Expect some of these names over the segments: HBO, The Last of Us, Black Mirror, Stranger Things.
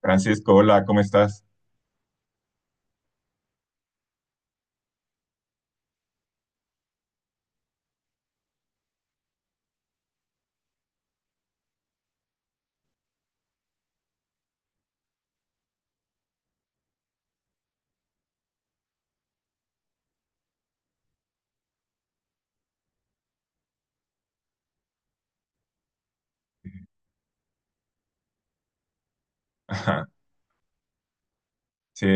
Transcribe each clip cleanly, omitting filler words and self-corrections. Francisco, hola, ¿cómo estás? Ajá, sí,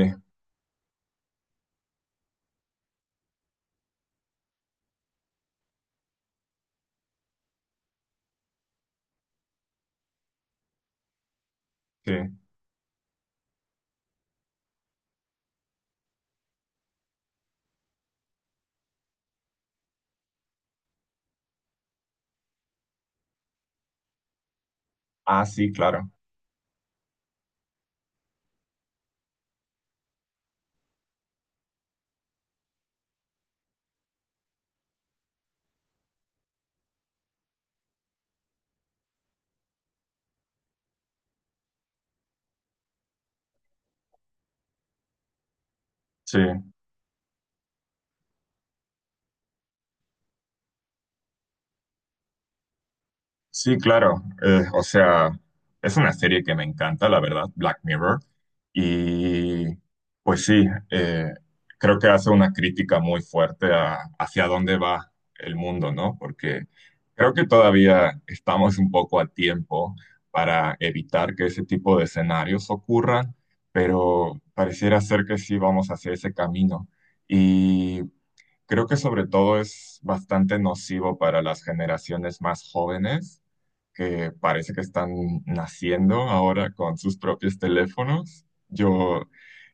sí. Ah, sí, claro. Sí. Sí, claro. O sea, es una serie que me encanta, la verdad, Black Mirror. Y pues sí, eh, creo que hace una crítica muy fuerte a, hacia dónde va el mundo, ¿no? Porque creo que todavía estamos un poco a tiempo para evitar que ese tipo de escenarios ocurran, pero pareciera ser que sí vamos hacia ese camino. Y creo que sobre todo es bastante nocivo para las generaciones más jóvenes que parece que están naciendo ahora con sus propios teléfonos. Yo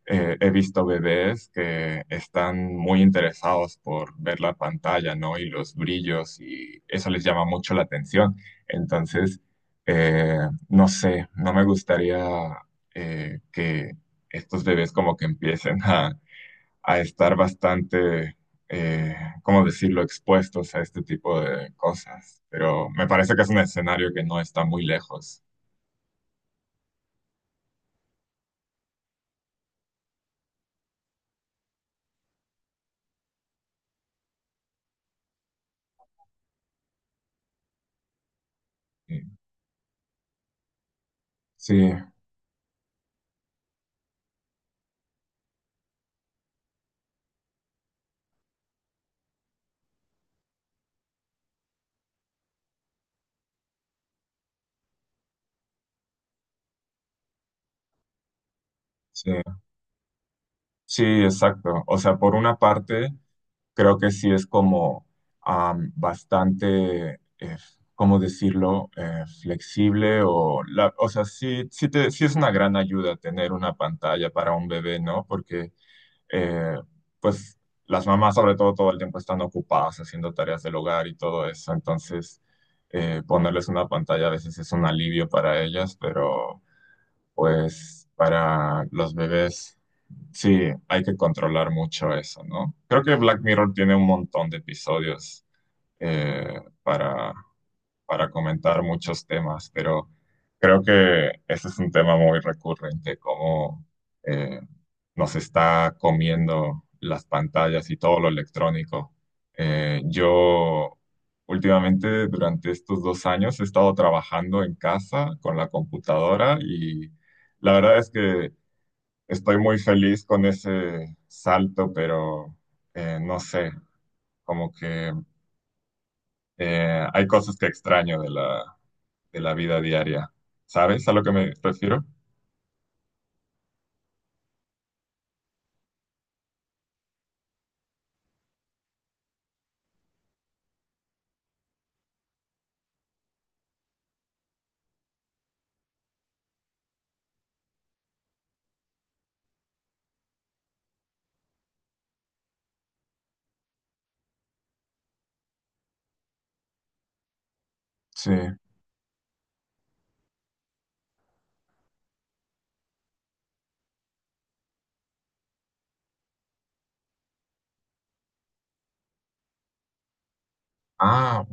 eh, he visto bebés que están muy interesados por ver la pantalla, ¿no? Y los brillos, y eso les llama mucho la atención. Entonces, eh, no sé, no me gustaría que estos bebés como que empiecen a estar bastante, eh, ¿cómo decirlo?, expuestos a este tipo de cosas. Pero me parece que es un escenario que no está muy lejos. Sí, sí, sí, sí, exacto. O sea, por una parte, creo que sí es como bastante, ¿cómo decirlo? Flexible o o sea, sí, sí es una gran ayuda tener una pantalla para un bebé, ¿no? Porque eh, pues las mamás sobre todo el tiempo están ocupadas haciendo tareas del hogar y todo eso, entonces ponerles una pantalla a veces es un alivio para ellas, pero pues para los bebés sí hay que controlar mucho eso, ¿no? Creo que Black Mirror tiene un montón de episodios eh, para, para comentar muchos temas, pero creo que ese es un tema muy recurrente, cómo eh, nos está comiendo las pantallas y todo lo electrónico. Yo últimamente durante estos dos años he estado trabajando en casa con la computadora y la verdad es que estoy muy feliz con ese salto, pero no sé, como que hay cosas que extraño de la vida diaria. ¿Sabes a lo que me refiero? Sí. Ah,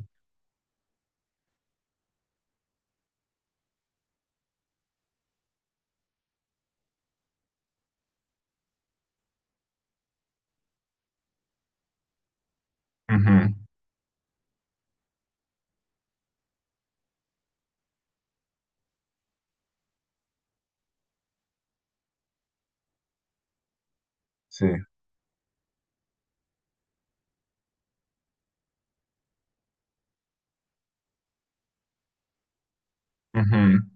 ujú, sí, ujú.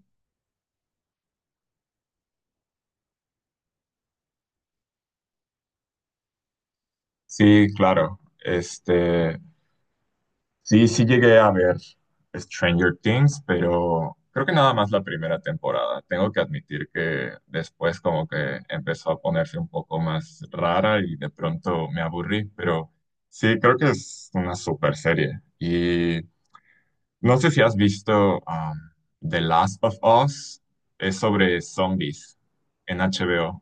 Sí, claro. Este, sí, sí llegué a ver Stranger Things, pero creo que nada más la primera temporada. Tengo que admitir que después como que empezó a ponerse un poco más rara y de pronto me aburrí, pero sí, creo que es una super serie. Y no sé si has visto The Last of Us, es sobre zombies en HBO.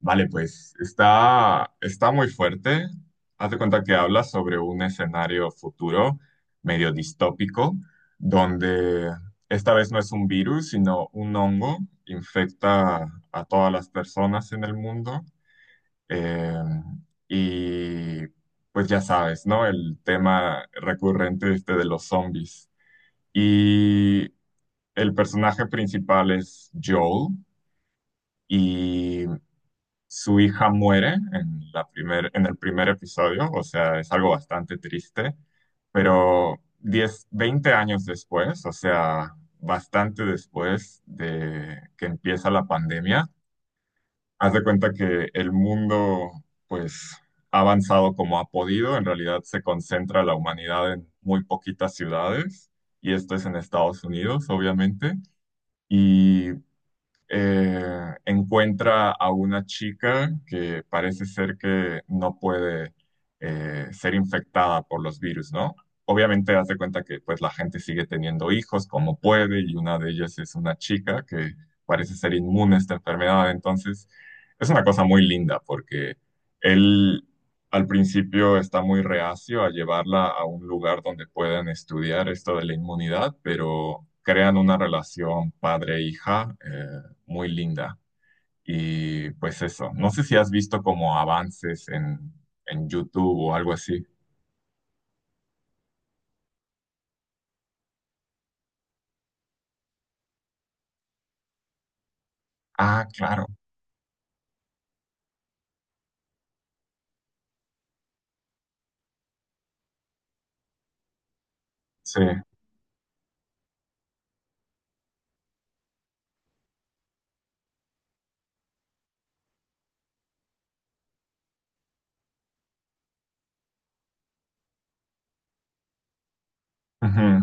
Vale, pues está, está muy fuerte. Haz de cuenta que habla sobre un escenario futuro medio distópico, donde esta vez no es un virus, sino un hongo, infecta a todas las personas en el mundo. Eh, y pues ya sabes, ¿no? El tema recurrente este de los zombies. Y el personaje principal es Joel y su hija muere en la en el primer episodio, o sea, es algo bastante triste, pero 10, 20 años después, o sea, bastante después de que empieza la pandemia, haz de cuenta que el mundo, pues, ha avanzado como ha podido, en realidad se concentra la humanidad en muy poquitas ciudades, y esto es en Estados Unidos, obviamente. Y encuentra a una chica que parece ser que no puede ser infectada por los virus, ¿no? Obviamente hace cuenta que pues la gente sigue teniendo hijos como puede y una de ellas es una chica que parece ser inmune a esta enfermedad. Entonces es una cosa muy linda porque él al principio está muy reacio a llevarla a un lugar donde puedan estudiar esto de la inmunidad, pero crean una relación padre-hija muy linda. Y pues eso, no sé si has visto como avances en YouTube o algo así. Ah, claro, sí, ujú,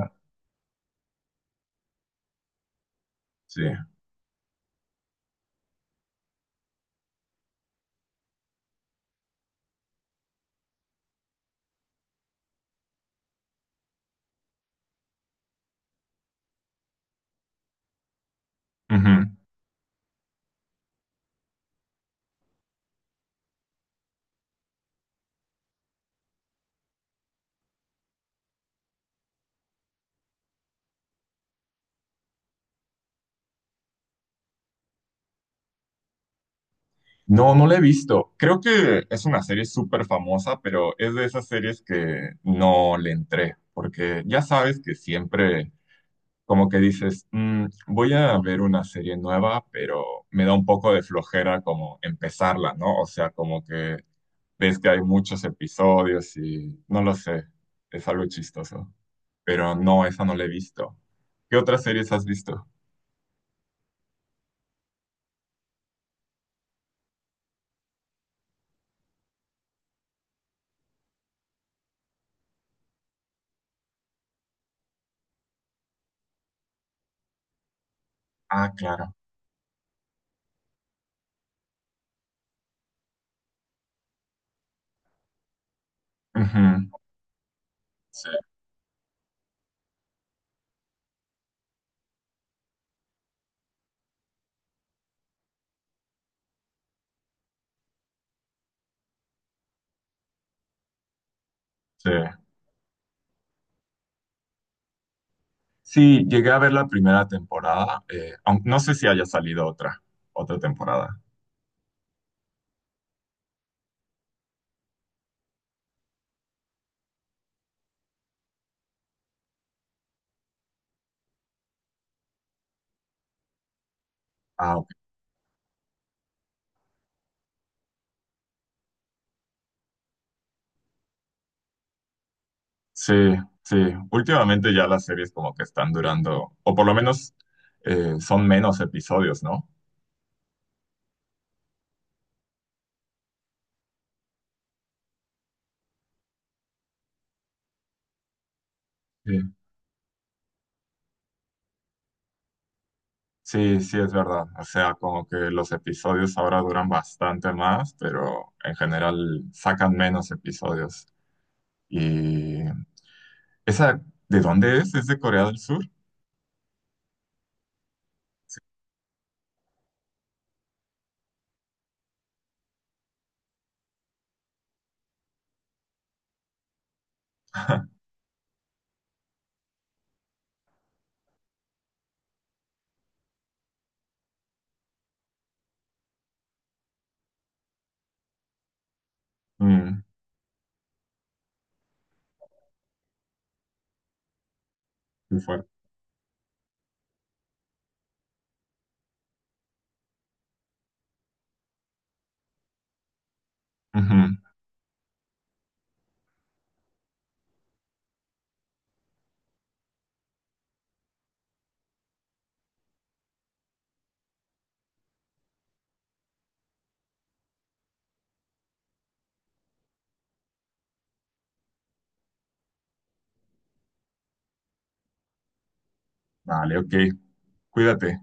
sí, ujú. No, no la he visto. Creo que es una serie súper famosa, pero es de esas series que no le entré, porque ya sabes que siempre como que dices, "Mm, voy a ver una serie nueva, pero me da un poco de flojera como empezarla, ¿no? O sea, como que ves que hay muchos episodios y no lo sé, es algo chistoso. Pero no, esa no la he visto. ¿Qué otras series has visto? Ah, claro. Ujú, sí, sí. Sí, llegué a ver la primera temporada. No sé si haya salido otra, otra temporada. Ah, ok. Sí, sí. Últimamente ya las series como que están durando, o por lo menos son menos episodios, ¿no? Sí. Sí, sí, es verdad. O sea, como que los episodios ahora duran bastante más, pero en general sacan menos episodios. Y esa, ¿de dónde es? ¿Es de Corea del Sur? Mm, muy fuerte. Ujú. Vale, ok. Cuídate.